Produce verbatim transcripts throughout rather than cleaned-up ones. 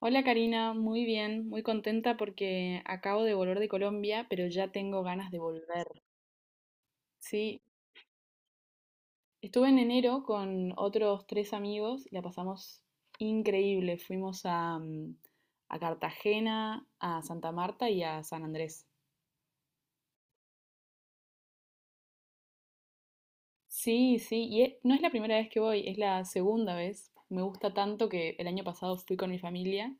Hola Karina, muy bien, muy contenta porque acabo de volver de Colombia, pero ya tengo ganas de volver. Sí, estuve en enero con otros tres amigos y la pasamos increíble. Fuimos a, mm, a Cartagena, a Santa Marta y a San Andrés. Sí, sí, y e- no es la primera vez que voy, es la segunda vez. Me gusta tanto que el año pasado fui con mi familia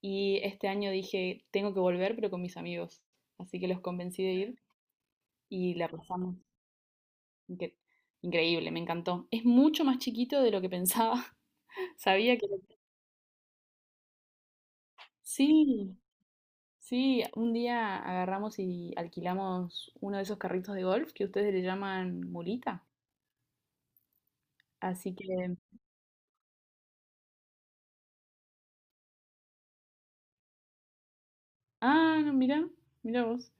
y este año dije, tengo que volver, pero con mis amigos. Así que los convencí de ir y la pasamos. Incre- increíble, me encantó. Es mucho más chiquito de lo que pensaba. Sabía que. Sí, sí, un día agarramos y alquilamos uno de esos carritos de golf que ustedes le llaman mulita. Así que. Ah, no, mira, mira vos.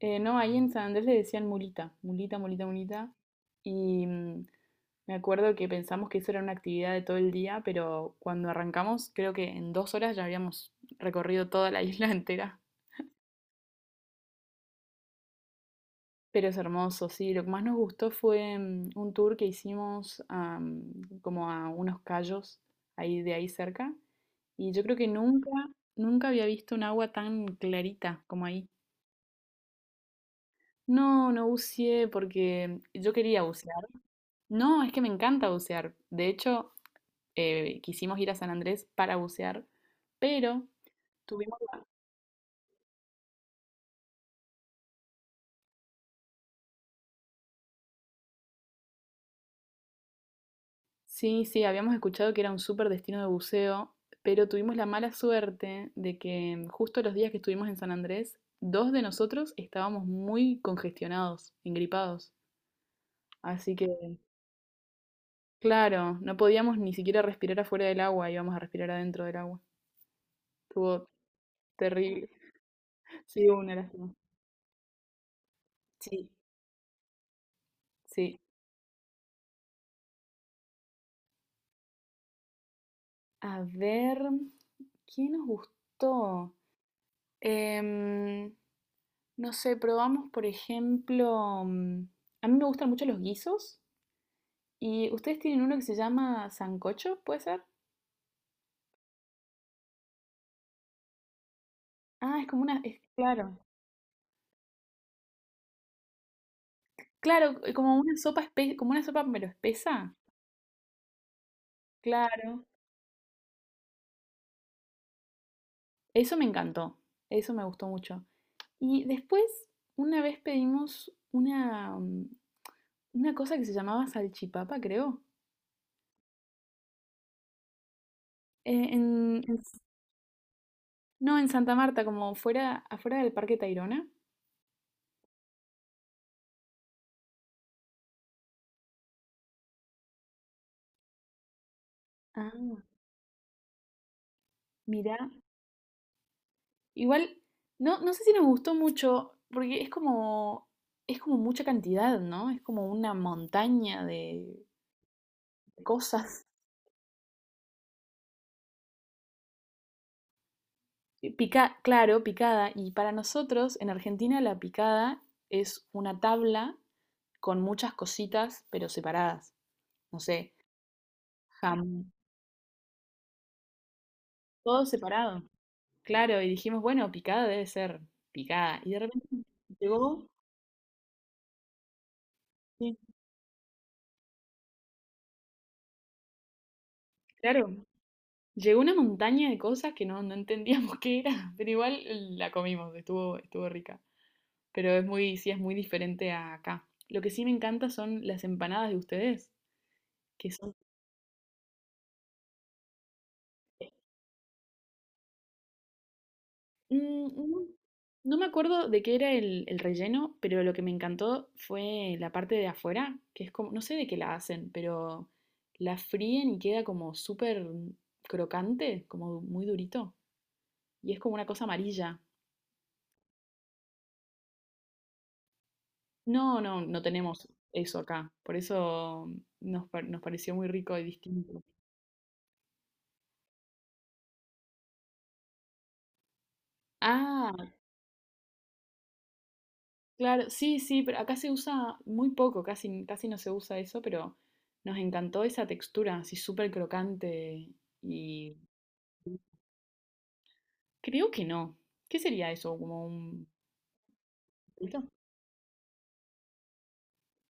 Eh, no, ahí en San Andrés le decían mulita, mulita, mulita, mulita. Y mm, me acuerdo que pensamos que eso era una actividad de todo el día, pero cuando arrancamos, creo que en dos horas ya habíamos recorrido toda la isla entera. Pero es hermoso, sí. Lo que más nos gustó fue mm, un tour que hicimos a, mm, como a unos cayos ahí de ahí cerca. Y yo creo que nunca, nunca había visto un agua tan clarita como ahí. No, no buceé porque yo quería bucear. No, es que me encanta bucear. De hecho, eh, quisimos ir a San Andrés para bucear, pero tuvimos. Sí, sí, habíamos escuchado que era un súper destino de buceo, pero tuvimos la mala suerte de que mm, justo los días que estuvimos en San Andrés, dos de nosotros estábamos muy congestionados, engripados. Así que, claro, no podíamos ni siquiera respirar afuera del agua, íbamos a respirar adentro del agua. Estuvo terrible. Sí, una lástima. Sí, sí. A ver, ¿qué nos gustó? Em, no sé, probamos, por ejemplo, mm, a mí me gustan mucho los guisos. ¿Y ustedes tienen uno que se llama sancocho, puede ser? Ah, es como una, es claro. Claro, eh, como una sopa espe- como una sopa pero espesa. Claro. Eso me encantó. Eso me gustó mucho. Y después, una vez pedimos una, mm, una cosa que se llamaba salchipapa, creo. Eh, en, en S- no, en Santa Marta, como fuera, afuera del Parque Tayrona. Ah, mirá. Igual, no, no sé si nos gustó mucho, porque es como, es como mucha cantidad, ¿no? Es como una montaña de cosas. Y Pica, claro, picada. Y para nosotros, en Argentina, la picada es una tabla con muchas cositas, pero separadas. No sé, jamón todo separado. Claro, y dijimos, bueno, picada debe ser picada. Y de repente llegó, sí, claro, llegó una montaña de cosas que no, no entendíamos qué era, pero igual la comimos, estuvo, estuvo rica. Pero es muy, sí, es muy diferente a acá. Lo que sí me encanta son las empanadas de ustedes, que son. Mm, no, no me acuerdo de qué era el, el relleno, pero lo que me encantó fue la parte de afuera, que es como, no sé de qué la hacen, pero la fríen y queda como súper crocante, como muy durito. Y es como una cosa amarilla. No, no, no tenemos eso acá. Por eso nos, par- nos pareció muy rico y distinto. Ah, claro, sí, sí, pero acá se usa muy poco, casi, casi no se usa eso, pero nos encantó esa textura, así súper crocante y creo que no. ¿Qué sería eso? ¿Como un frito?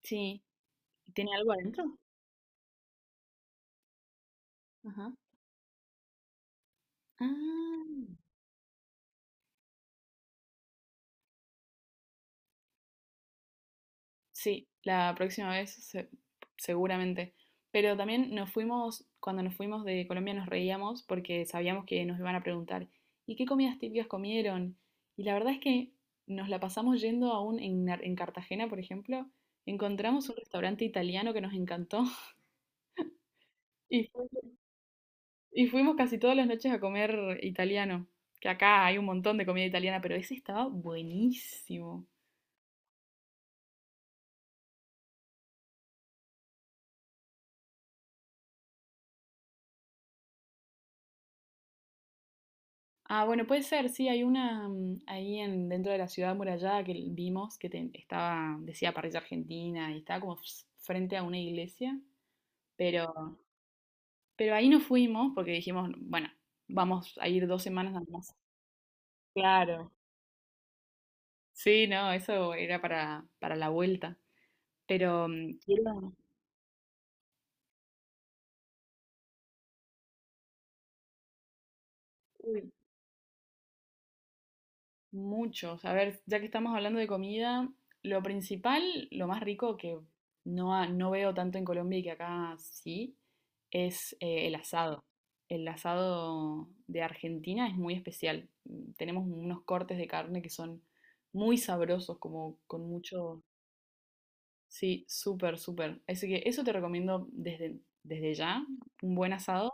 Sí, ¿tiene algo adentro? Ajá. Ah. Sí, la próxima vez se- seguramente. Pero también nos fuimos, cuando nos fuimos de Colombia nos reíamos porque sabíamos que nos iban a preguntar, ¿y qué comidas típicas comieron? Y la verdad es que nos la pasamos yendo aún en, Nar- en Cartagena, por ejemplo, encontramos un restaurante italiano que nos encantó y, fu- y fuimos casi todas las noches a comer italiano, que acá hay un montón de comida italiana, pero ese estaba buenísimo. Ah, bueno, puede ser, sí, hay una mm, ahí en, dentro de la ciudad amurallada que vimos que te- estaba, decía parrilla argentina y estaba como fs- frente a una iglesia, pero, pero ahí no fuimos porque dijimos, bueno, vamos a ir dos semanas nada más. Claro. Sí, no, eso era para, para la vuelta. Pero mm, quiero. Muchos. A ver, ya que estamos hablando de comida, lo principal, lo más rico que no, ha- no veo tanto en Colombia y que acá sí, es eh, el asado. El asado de Argentina es muy especial. Mm, Tenemos unos cortes de carne que son muy sabrosos, como con mucho. Sí, súper, súper. Así que eso te recomiendo desde, desde ya, un buen asado.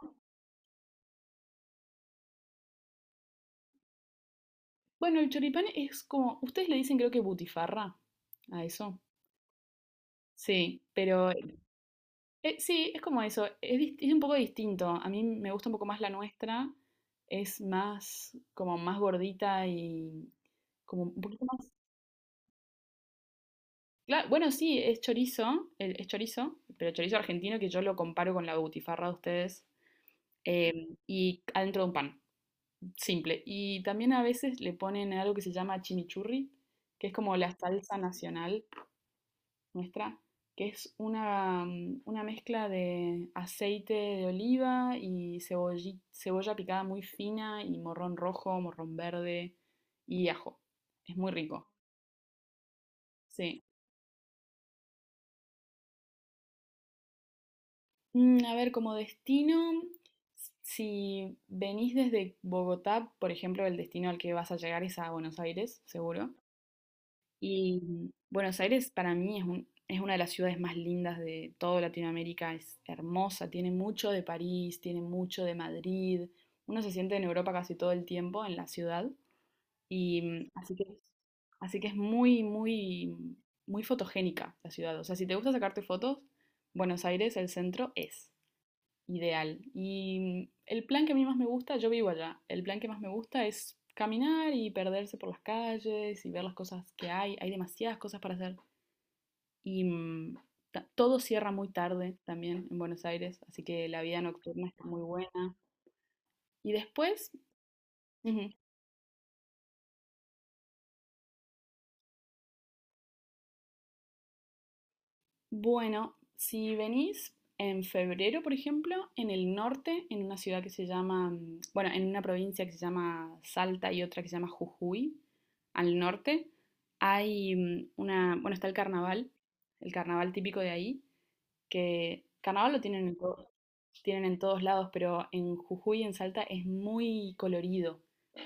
Bueno, el choripán es como, ustedes le dicen creo que butifarra a eso. Sí, pero. Eh, sí, es como eso, es, dis- es un poco distinto. A mí me gusta un poco más la nuestra, es más como más gordita y como un poquito más. Claro, bueno, sí, es chorizo, el- es chorizo, pero chorizo argentino que yo lo comparo con la butifarra de ustedes em, y adentro de un pan, simple. Y también a veces le ponen algo que se llama chimichurri, que es como la salsa nacional nuestra, que es una, mm, una mezcla de aceite de oliva y cebolli- cebolla picada muy fina y morrón rojo, morrón verde y ajo. Es muy rico. Sí. Mm, a ver, como destino, si venís desde Bogotá, por ejemplo, el destino al que vas a llegar es a Buenos Aires, seguro. Y mm, Buenos Aires para mí es un- es una de las ciudades más lindas de toda Latinoamérica, es hermosa, tiene mucho de París, tiene mucho de Madrid, uno se siente en Europa casi todo el tiempo en la ciudad y mm, así que así que es muy, muy, muy fotogénica la ciudad, o sea, si te gusta sacarte fotos, Buenos Aires, el centro es ideal. Y mm, el plan que a mí más me gusta, yo vivo allá, el plan que más me gusta es caminar y perderse por las calles y ver las cosas que hay. Hay demasiadas cosas para hacer. Y mm, todo cierra muy tarde también en Buenos Aires, así que la vida nocturna está muy buena. Y después, ujú. Bueno, si venís en febrero, por ejemplo, en el norte, en una ciudad que se llama, mm, bueno, en una provincia que se llama Salta y otra que se llama Jujuy, al norte, hay, mm, una, bueno, está el carnaval, el carnaval típico de ahí, que carnaval lo tienen en todo- tienen en todos lados, pero en Jujuy y en Salta es muy colorido,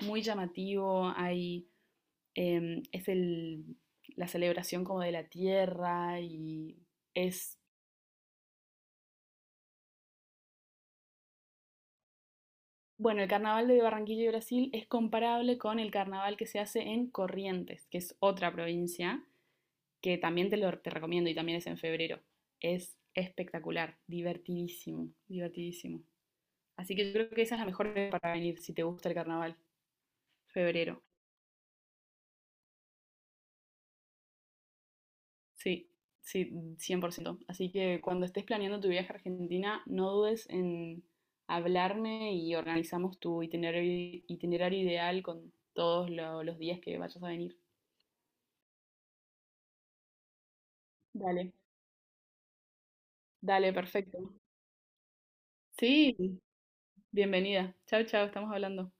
muy llamativo, hay, em, es el, la celebración como de la tierra y es bueno, el carnaval de Barranquilla y Brasil es comparable con el carnaval que se hace en Corrientes, que es otra provincia, que también te lo te recomiendo y también es en febrero. Es espectacular, divertidísimo, divertidísimo. Así que yo creo que esa es la mejor época para venir si te gusta el carnaval, febrero. Sí, sí, cien por ciento. Así que cuando estés planeando tu viaje a Argentina, no dudes en hablarme y organizamos tu itinerario, itinerario ideal con todos lo- los días que vayas a venir. Dale. Dale, perfecto. Sí, bienvenida. Chao, chao, estamos hablando.